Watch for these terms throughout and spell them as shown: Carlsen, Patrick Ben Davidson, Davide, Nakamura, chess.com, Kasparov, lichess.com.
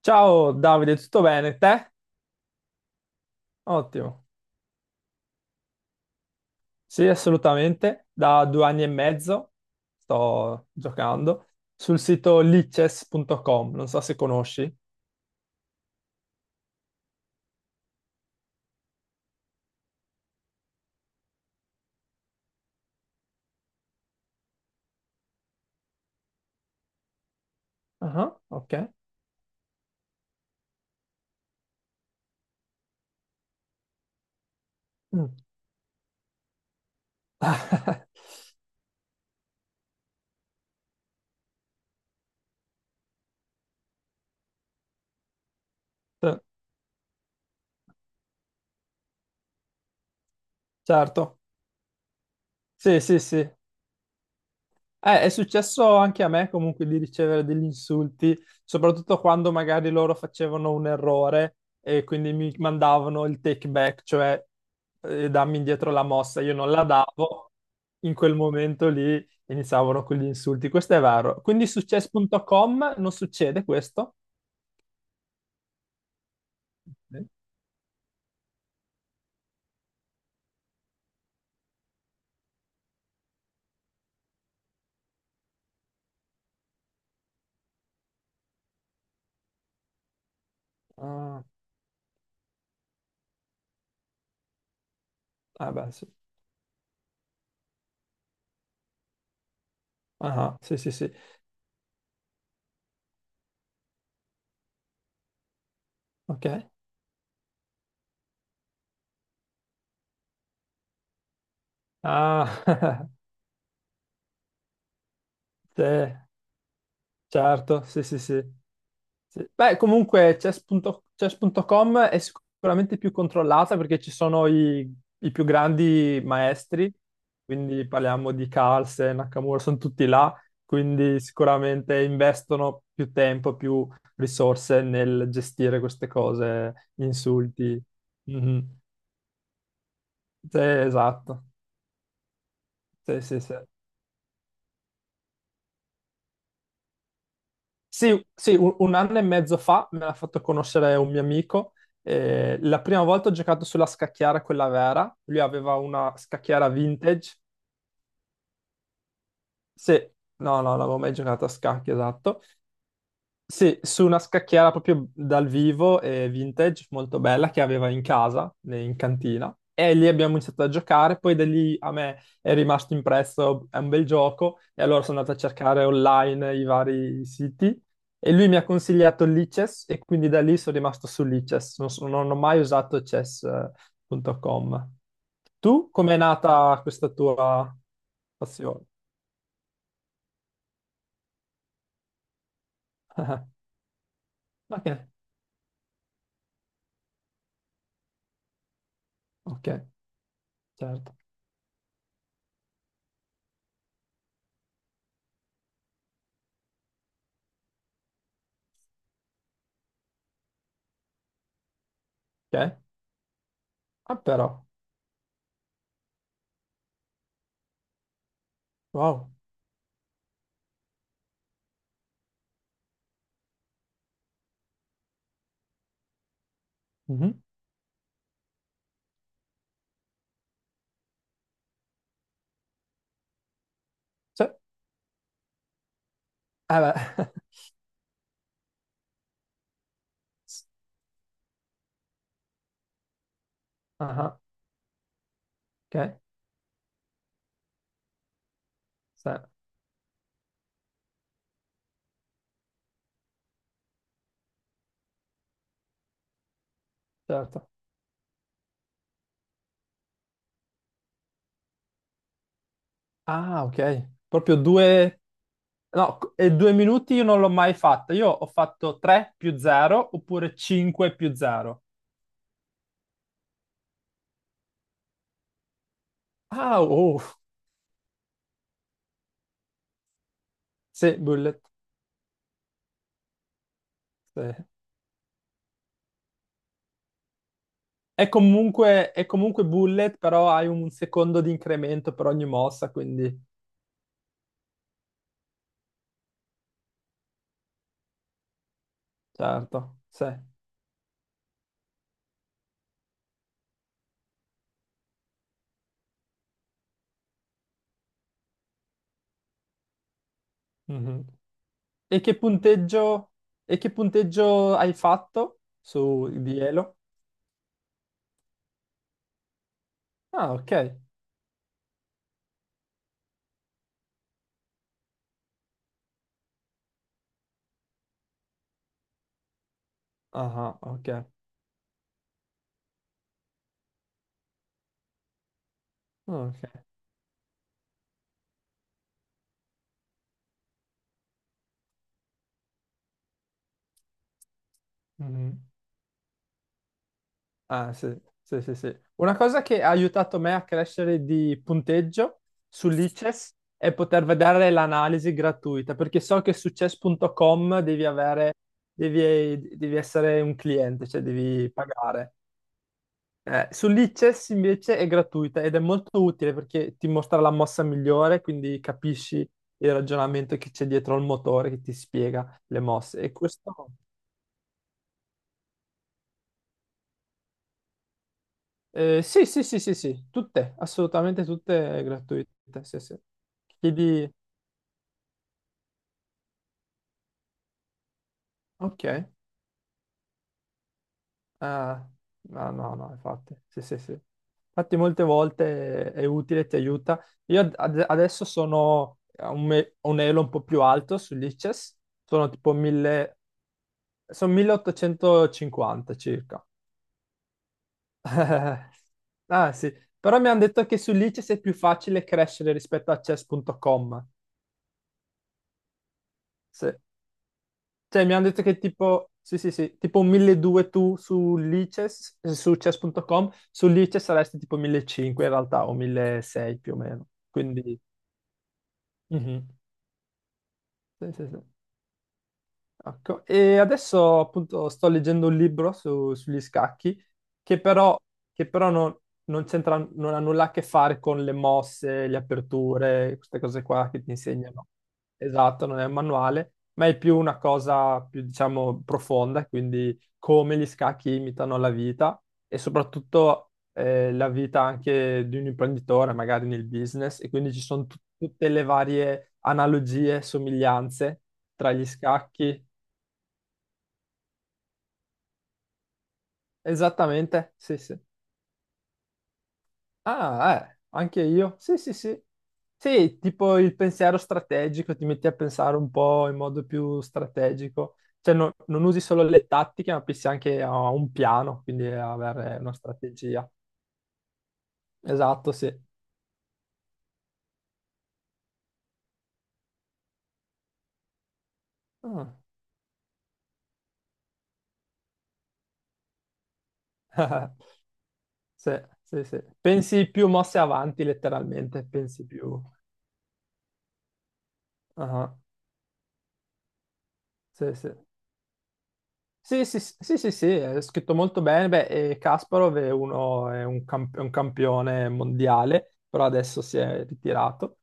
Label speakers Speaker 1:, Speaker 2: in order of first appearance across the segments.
Speaker 1: Ciao Davide, tutto bene? Te? Ottimo. Sì, assolutamente. Da 2 anni e mezzo sto giocando sul sito lichess.com, non so se conosci. Ah, ok. Mm. Certo. Sì, sì, sì. È successo anche a me comunque di ricevere degli insulti, soprattutto quando magari loro facevano un errore e quindi mi mandavano il take back, cioè dammi indietro la mossa, io non la davo, in quel momento lì iniziavano con gli insulti, questo è vero. Quindi su chess.com non succede questo? Sì. Ah, ah, beh, sì. Ah, sì, sì, sì, ok. Ah, sì, certo, sì, sì, sì. Sì. Beh, comunque chess.com è sicuramente più controllata perché ci sono i più grandi maestri, quindi parliamo di Carlsen, Nakamura, sono tutti là, quindi sicuramente investono più tempo, più risorse nel gestire queste cose, gli insulti. Mhm. Sì, esatto. Sì, sì, sì. Sì, sì, un anno e mezzo fa me l'ha fatto conoscere un mio amico. La prima volta ho giocato sulla scacchiera, quella vera. Lui aveva una scacchiera vintage. Sì, no, no, non avevo mai giocato a scacchi, esatto. Sì, su una scacchiera proprio dal vivo e vintage molto bella che aveva in casa, in cantina. E lì abbiamo iniziato a giocare, poi da lì a me è rimasto impresso, è un bel gioco, e allora sono andato a cercare online i vari siti e lui mi ha consigliato il Lichess e quindi da lì sono rimasto su Lichess, non ho mai usato chess.com. Tu com'è nata questa tua passione? Ok, ok, certo. Ok, ah però, wow. Mhm. Sì, eh beh. Ah, ok, sì, certo. Ah, ok. Proprio due... No, e 2 minuti io non l'ho mai fatta. Io ho fatto 3 più 0 oppure 5 più 0. Ah, oh. Sì, bullet. Sì. È comunque bullet, però hai un secondo di incremento per ogni mossa, quindi... Certo, sì. Mhm. E che punteggio... E che punteggio hai fatto su di Elo? Ah, ok. Ah, ok. Ok. Mhm. Ah, sì, sì, sì, sì. Una cosa che ha aiutato me a crescere di punteggio su Lichess è poter vedere l'analisi gratuita, perché so che su chess.com devi avere, devi essere un cliente, cioè devi pagare. Su Lichess invece è gratuita ed è molto utile perché ti mostra la mossa migliore, quindi capisci il ragionamento che c'è dietro al motore che ti spiega le mosse. E questo... sì, sì, sì, sì, sì, tutte, assolutamente tutte gratuite, sì, sì. Chiedi, ok, ah, no, no, no, infatti, sì, sì, sì. Infatti molte volte è utile, ti aiuta. Io adesso sono a un elo un po' più alto sull'ICES, sono tipo 1000, sono 1850 circa. Ah sì, però mi hanno detto che sull'ICES è più facile crescere rispetto a chess.com. Cioè, mi hanno detto che tipo, sì, sì, sì, tipo 1200 tu su Lices, su chess.com, su Lices saresti tipo 1500 in realtà, o 1600 più o meno. Quindi, mhm. Sì, sì, sì. Ecco, e adesso appunto sto leggendo un libro sugli scacchi che però, che però non c'entra, non ha nulla a che fare con le mosse, le aperture, queste cose qua che ti insegnano. Esatto, non è un manuale, ma è più una cosa più diciamo profonda, quindi come gli scacchi imitano la vita e soprattutto la vita anche di un imprenditore, magari nel business, e quindi ci sono tutte le varie analogie, somiglianze tra gli scacchi. Esattamente, sì, sì. Ah, anche io. Sì, sì, sì. Sì, tipo il pensiero strategico, ti metti a pensare un po' in modo più strategico. Cioè, non usi solo le tattiche, ma pensi anche a un piano, quindi a avere una strategia. Esatto, sì. Ah. Sì, sì, sì. Pensi più mosse avanti, letteralmente, pensi più. Ah, sì, sì. Sì, sì, sì, sì, sì, sì, è scritto molto bene. Beh, e Kasparov è un campione mondiale, però adesso si è ritirato.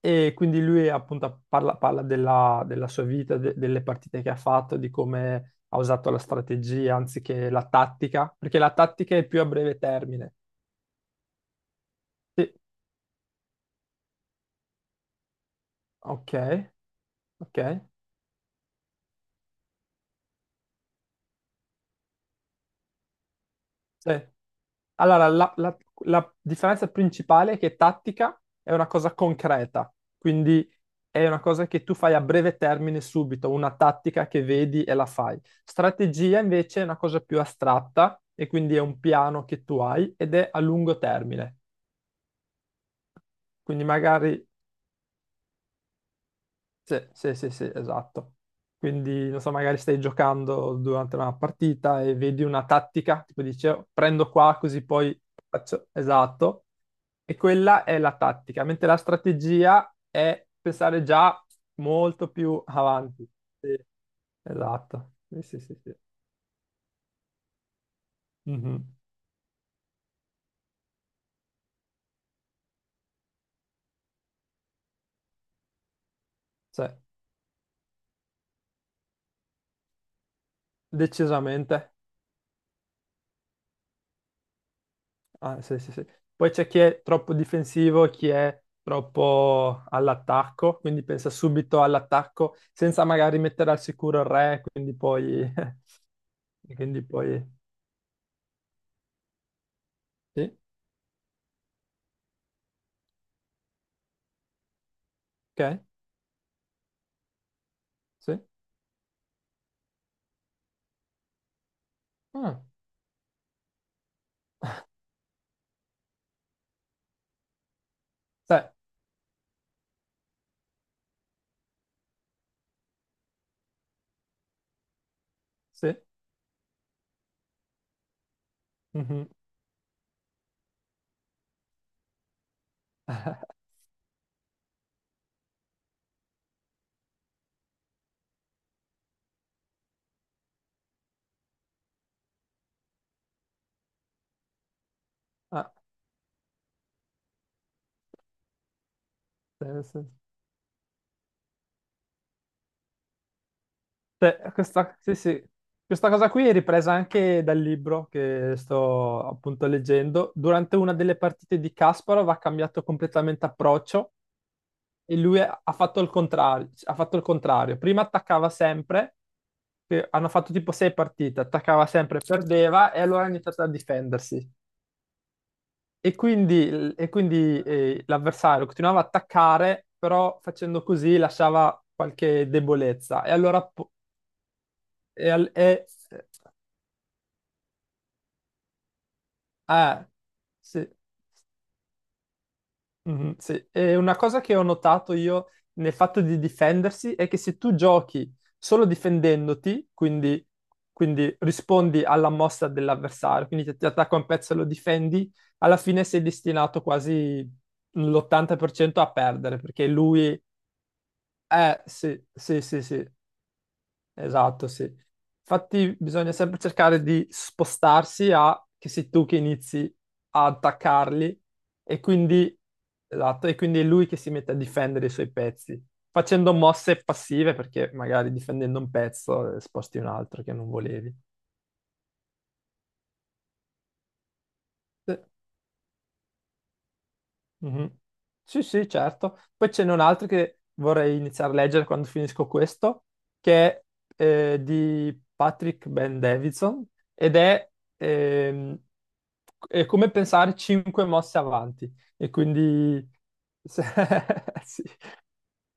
Speaker 1: E quindi lui appunto parla della sua vita, delle partite che ha fatto, di come ha usato la strategia anziché la tattica, perché la tattica è più a breve termine. Sì, ok, ok. Sì. Allora, la differenza principale è che tattica è una cosa concreta, quindi è una cosa che tu fai a breve termine subito, una tattica che vedi e la fai. Strategia invece è una cosa più astratta e quindi è un piano che tu hai ed è a lungo termine. Quindi magari... Sì, sì, sì, sì, esatto. Quindi, non so, magari stai giocando durante una partita e vedi una tattica, tipo dici, "Oh, prendo qua così poi faccio..." Esatto. E quella è la tattica, mentre la strategia è pensare già molto più avanti. Sì. Esatto, sì, sì, sì, sì. Mhm. Cioè, decisamente. Ah, sì, sì, sì. Poi c'è chi è troppo difensivo, chi è troppo all'attacco, quindi pensa subito all'attacco senza magari mettere al sicuro il re, quindi poi... quindi poi... Sì, ok, sì. Ah, sì, sì. Mhm. Ah, sì, sì, sì. Cioè, questa, sì, sì. Questa cosa qui è ripresa anche dal libro che sto appunto leggendo. Durante una delle partite di Kasparov ha cambiato completamente approccio e lui ha fatto il contrario, ha fatto il contrario. Prima attaccava sempre, che hanno fatto tipo sei partite, attaccava sempre, perdeva e allora ha iniziato a difendersi. E quindi, l'avversario continuava a attaccare, però facendo così lasciava qualche debolezza. E allora e al- e Ah, sì. Mhm, sì. E una cosa che ho notato io nel fatto di difendersi è che se tu giochi solo difendendoti, quindi, quindi rispondi alla mossa dell'avversario, quindi ti attacca un pezzo e lo difendi, alla fine sei destinato quasi l'80% a perdere, perché lui... sì, sì, sì, sì. Esatto, sì. Infatti bisogna sempre cercare di spostarsi a che sei tu che inizi a attaccarli e quindi, esatto, e quindi è lui che si mette a difendere i suoi pezzi, facendo mosse passive perché magari difendendo un pezzo sposti un altro che non volevi. Sì. Mhm. Sì, sì, certo. Poi ce n'è un altro che vorrei iniziare a leggere quando finisco questo, che è di Patrick Ben Davidson ed è, ehm, è come pensare cinque mosse avanti. E quindi sì,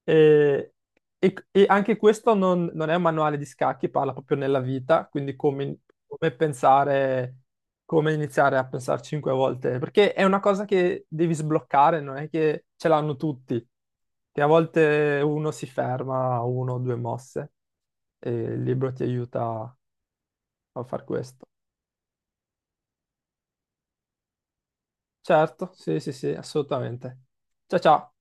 Speaker 1: e, e anche questo non è un manuale di scacchi, parla proprio nella vita, quindi come pensare, come iniziare a pensare cinque volte, perché è una cosa che devi sbloccare, non è che ce l'hanno tutti, che a volte uno si ferma a uno o due mosse e il libro ti aiuta a far questo. Certo, sì, sì, sì, assolutamente. Ciao, ciao.